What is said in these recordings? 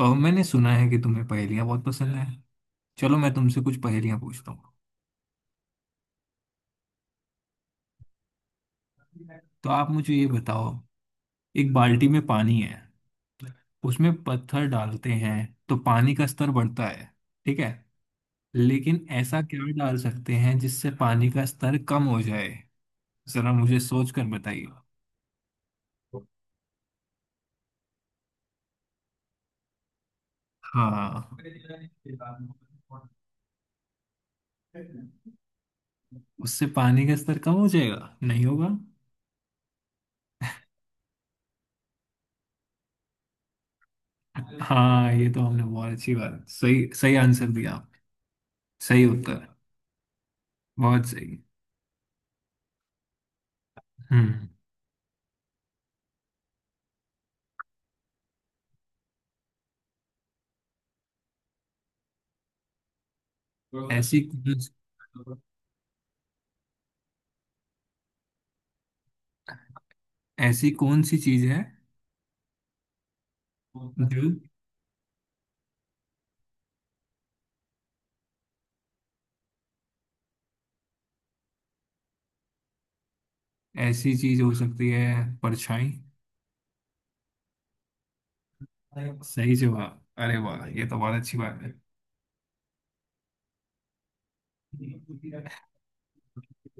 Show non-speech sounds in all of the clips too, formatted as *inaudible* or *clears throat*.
और मैंने सुना है कि तुम्हें पहेलियाँ बहुत पसंद है। चलो मैं तुमसे कुछ पहेलियाँ पूछता हूँ। तो आप मुझे ये बताओ। एक बाल्टी में पानी है। उसमें पत्थर डालते हैं तो पानी का स्तर बढ़ता है। ठीक है। लेकिन ऐसा क्या डाल सकते हैं जिससे पानी का स्तर कम हो जाए? जरा मुझे सोच कर बताइए। हाँ। उससे पानी का स्तर कम हो जाएगा, नहीं होगा? हाँ, ये तो हमने बहुत अच्छी बात, सही सही आंसर दिया। सही उत्तर। बहुत सही। हम्म। ऐसी कौन, ऐसी कौन सी चीज है जो... ऐसी चीज हो सकती है, परछाई। सही जवाब। अरे वाह, ये तो बहुत अच्छी बात है।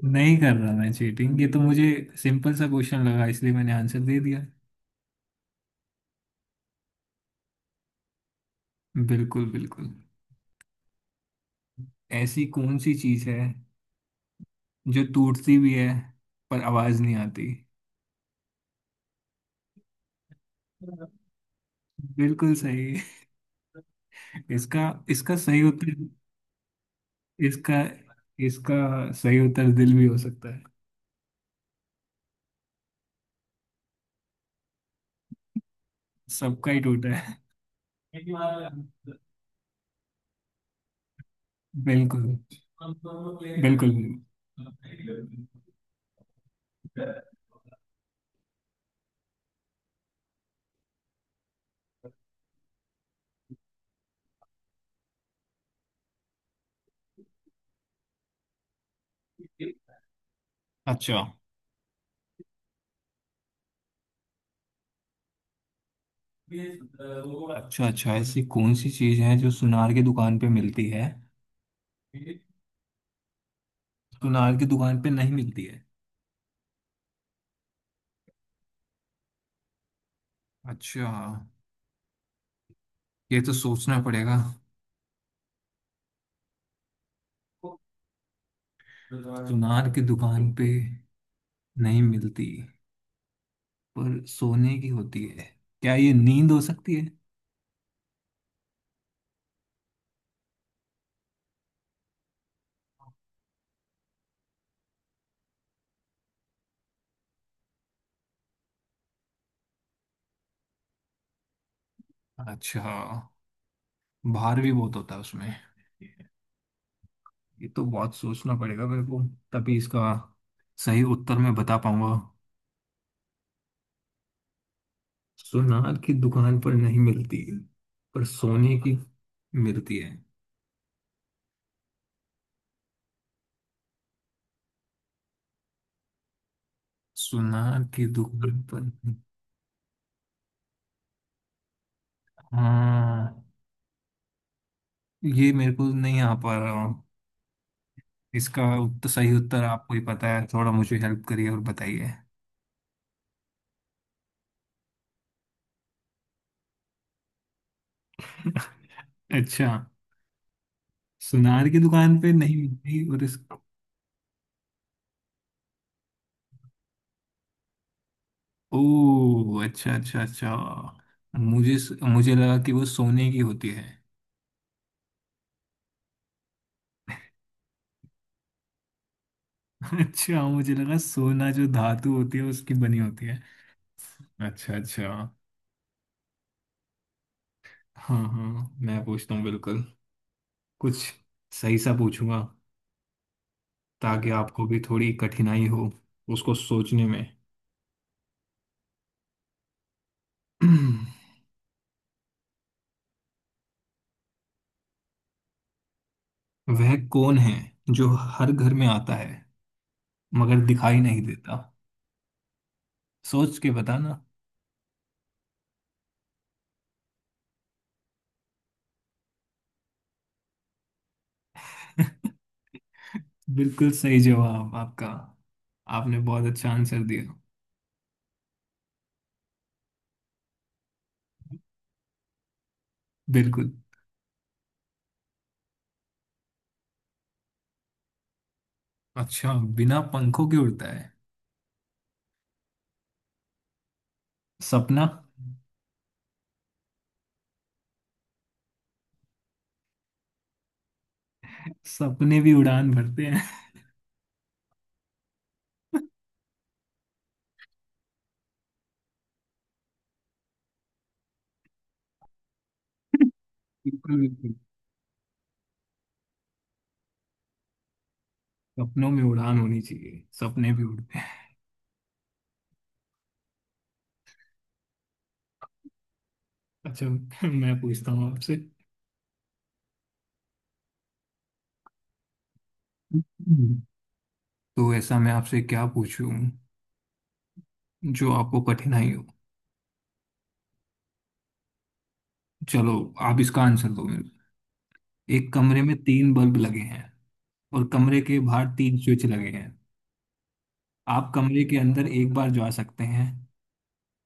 नहीं कर रहा मैं चीटिंग, ये तो मुझे सिंपल सा क्वेश्चन लगा इसलिए मैंने आंसर दे दिया। बिल्कुल बिल्कुल। ऐसी कौन सी चीज है जो टूटती भी है पर आवाज नहीं आती? बिल्कुल सही। इसका इसका सही उत्तर... इसका इसका सही उत्तर दिल भी हो सकता है। सबका ही टूटा है। बिल्कुल बिल्कुल। अच्छा अच्छा। अच्छा, ऐसी कौन सी चीज है जो सुनार की दुकान पे मिलती है? सुनार की दुकान पे नहीं मिलती है। अच्छा। ये तो सोचना पड़ेगा। सुनार की दुकान पे नहीं मिलती पर सोने की होती है। क्या ये नींद हो सकती है? अच्छा। भार भी बहुत होता है उसमें। ये तो बहुत सोचना पड़ेगा मेरे को, तभी इसका सही उत्तर मैं बता पाऊंगा। सुनार की दुकान पर नहीं मिलती पर सोने की मिलती है सुनार की दुकान पर। हाँ। ये मेरे को नहीं आ पा रहा हूँ। इसका उत्तर, सही उत्तर आपको ही पता है, थोड़ा मुझे हेल्प करिए और बताइए। *laughs* अच्छा। सुनार की दुकान पे नहीं मिलती और इस... ओह अच्छा अच्छा अच्छा। मुझे मुझे लगा कि वो सोने की होती है। *laughs* अच्छा, मुझे लगा सोना जो धातु होती है उसकी बनी होती है। अच्छा अच्छा। हाँ हाँ, मैं पूछता हूँ बिल्कुल। कुछ सही सा पूछूंगा ताकि आपको भी थोड़ी कठिनाई हो उसको सोचने में। *clears throat* वह कौन है जो हर घर में आता है मगर दिखाई नहीं देता? सोच के बताना। *laughs* बिल्कुल सही जवाब आपका। आपने बहुत अच्छा आंसर दिया। बिल्कुल। अच्छा, बिना पंखों के उड़ता है... सपना। सपने भी उड़ान भरते हैं। *laughs* बिल्कुल बिल्कुल। सपनों में उड़ान होनी चाहिए, सपने भी उड़ते हैं। अच्छा, मैं पूछता हूँ आपसे। हम्म। तो ऐसा मैं आपसे क्या पूछूं जो आपको कठिनाई हो। चलो, आप इसका आंसर दो मेरे को। एक कमरे में तीन बल्ब लगे हैं और कमरे के बाहर तीन स्विच लगे हैं। आप कमरे के अंदर एक बार जा सकते हैं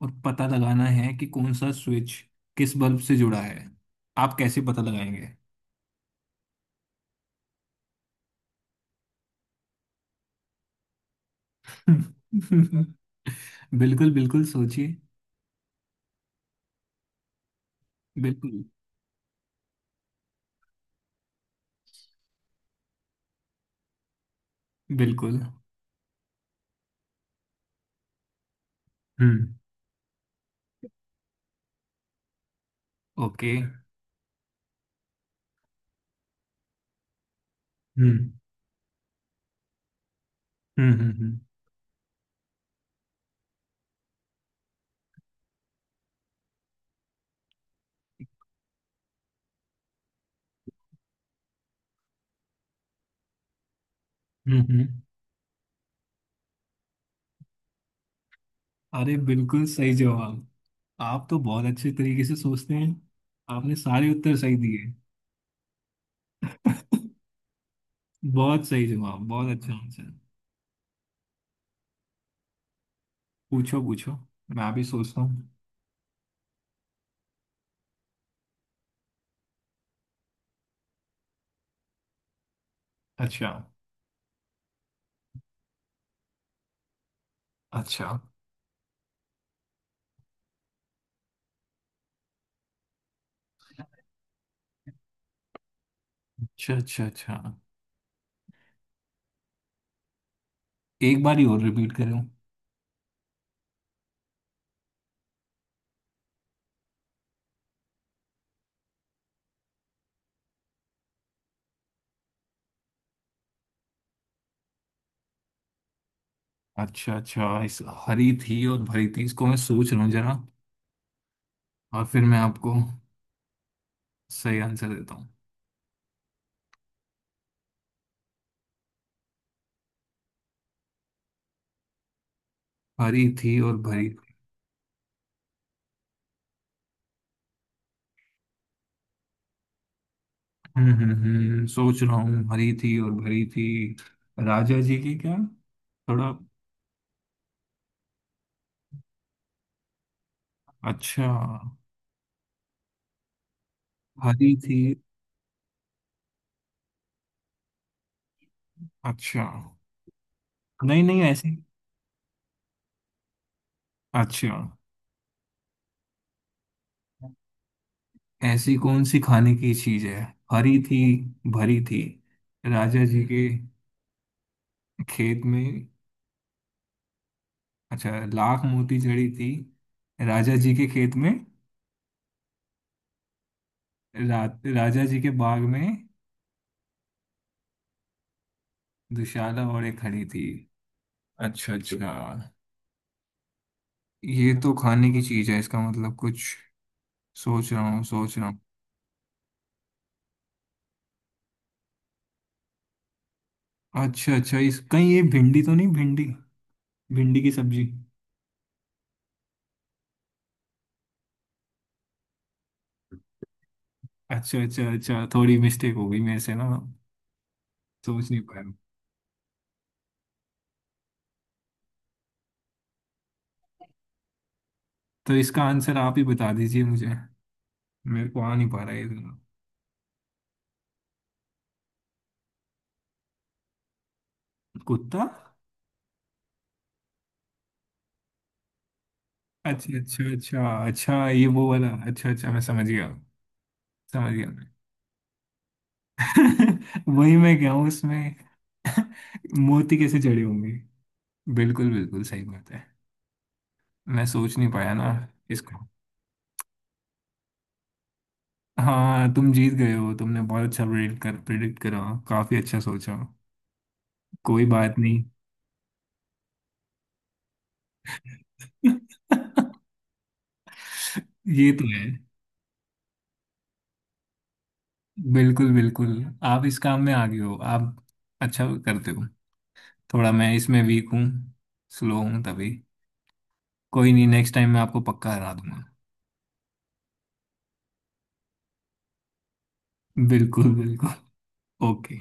और पता लगाना है कि कौन सा स्विच किस बल्ब से जुड़ा है। आप कैसे पता लगाएंगे? *laughs* बिल्कुल बिल्कुल, सोचिए। बिल्कुल बिल्कुल। हम्म। ओके। हम्म। हम्म। हम्म। हम्म। हम्म। अरे बिल्कुल सही जवाब। आप तो बहुत अच्छे तरीके से सोचते हैं। आपने सारे उत्तर सही दिए। *laughs* बहुत सही जवाब, बहुत अच्छा आंसर। पूछो पूछो, मैं भी सोचता हूँ। अच्छा अच्छा अच्छा अच्छा। अच्छा, एक बार ही और रिपीट करूँ। अच्छा अच्छा, इस... हरी थी और भरी थी, इसको मैं सोच रहा हूँ जरा, और फिर मैं आपको सही आंसर देता हूँ। हरी थी और भरी थी। सोच रहा हूँ, हरी थी और भरी थी। राजा जी की क्या, थोड़ा... अच्छा। हरी थी... अच्छा। नहीं नहीं, ऐसी... अच्छा। ऐसी कौन सी खाने की चीज है? हरी थी, भरी थी, राजा जी के खेत में। अच्छा, लाख मोती जड़ी थी, राजा जी के खेत में। रा, राजा जी के बाग में, दुशाला औरतें खड़ी थी। अच्छा अच्छा। ये तो खाने की चीज है, इसका मतलब कुछ... सोच रहा हूँ, सोच रहा हूँ। अच्छा अच्छा, इस... कहीं ये भिंडी तो नहीं? भिंडी, भिंडी की सब्जी। अच्छा अच्छा अच्छा, थोड़ी मिस्टेक हो गई मेरे से ना, सोच नहीं पाया। तो इसका आंसर आप ही बता दीजिए मुझे, मेरे को आ नहीं पा रहा है ये तो। कुत्ता। अच्छा अच्छा अच्छा अच्छा, ये वो वाला... अच्छा अच्छा, मैं समझ गया, समझ गया। *laughs* वही मैं क्या हूँ उसमें। *laughs* मोती कैसे जड़े होंगे, बिल्कुल बिल्कुल सही बात है। मैं सोच नहीं पाया ना इसको। हाँ, तुम जीत गए हो। तुमने बहुत अच्छा प्रेडिक्ट करा, काफी अच्छा सोचा। कोई बात नहीं। *laughs* ये तो है। बिल्कुल बिल्कुल। आप इस काम में आगे हो, आप अच्छा करते हो। थोड़ा मैं इसमें वीक हूँ, स्लो हूँ तभी। कोई नहीं, नेक्स्ट टाइम मैं आपको पक्का हरा दूंगा। बिल्कुल बिल्कुल। ओके।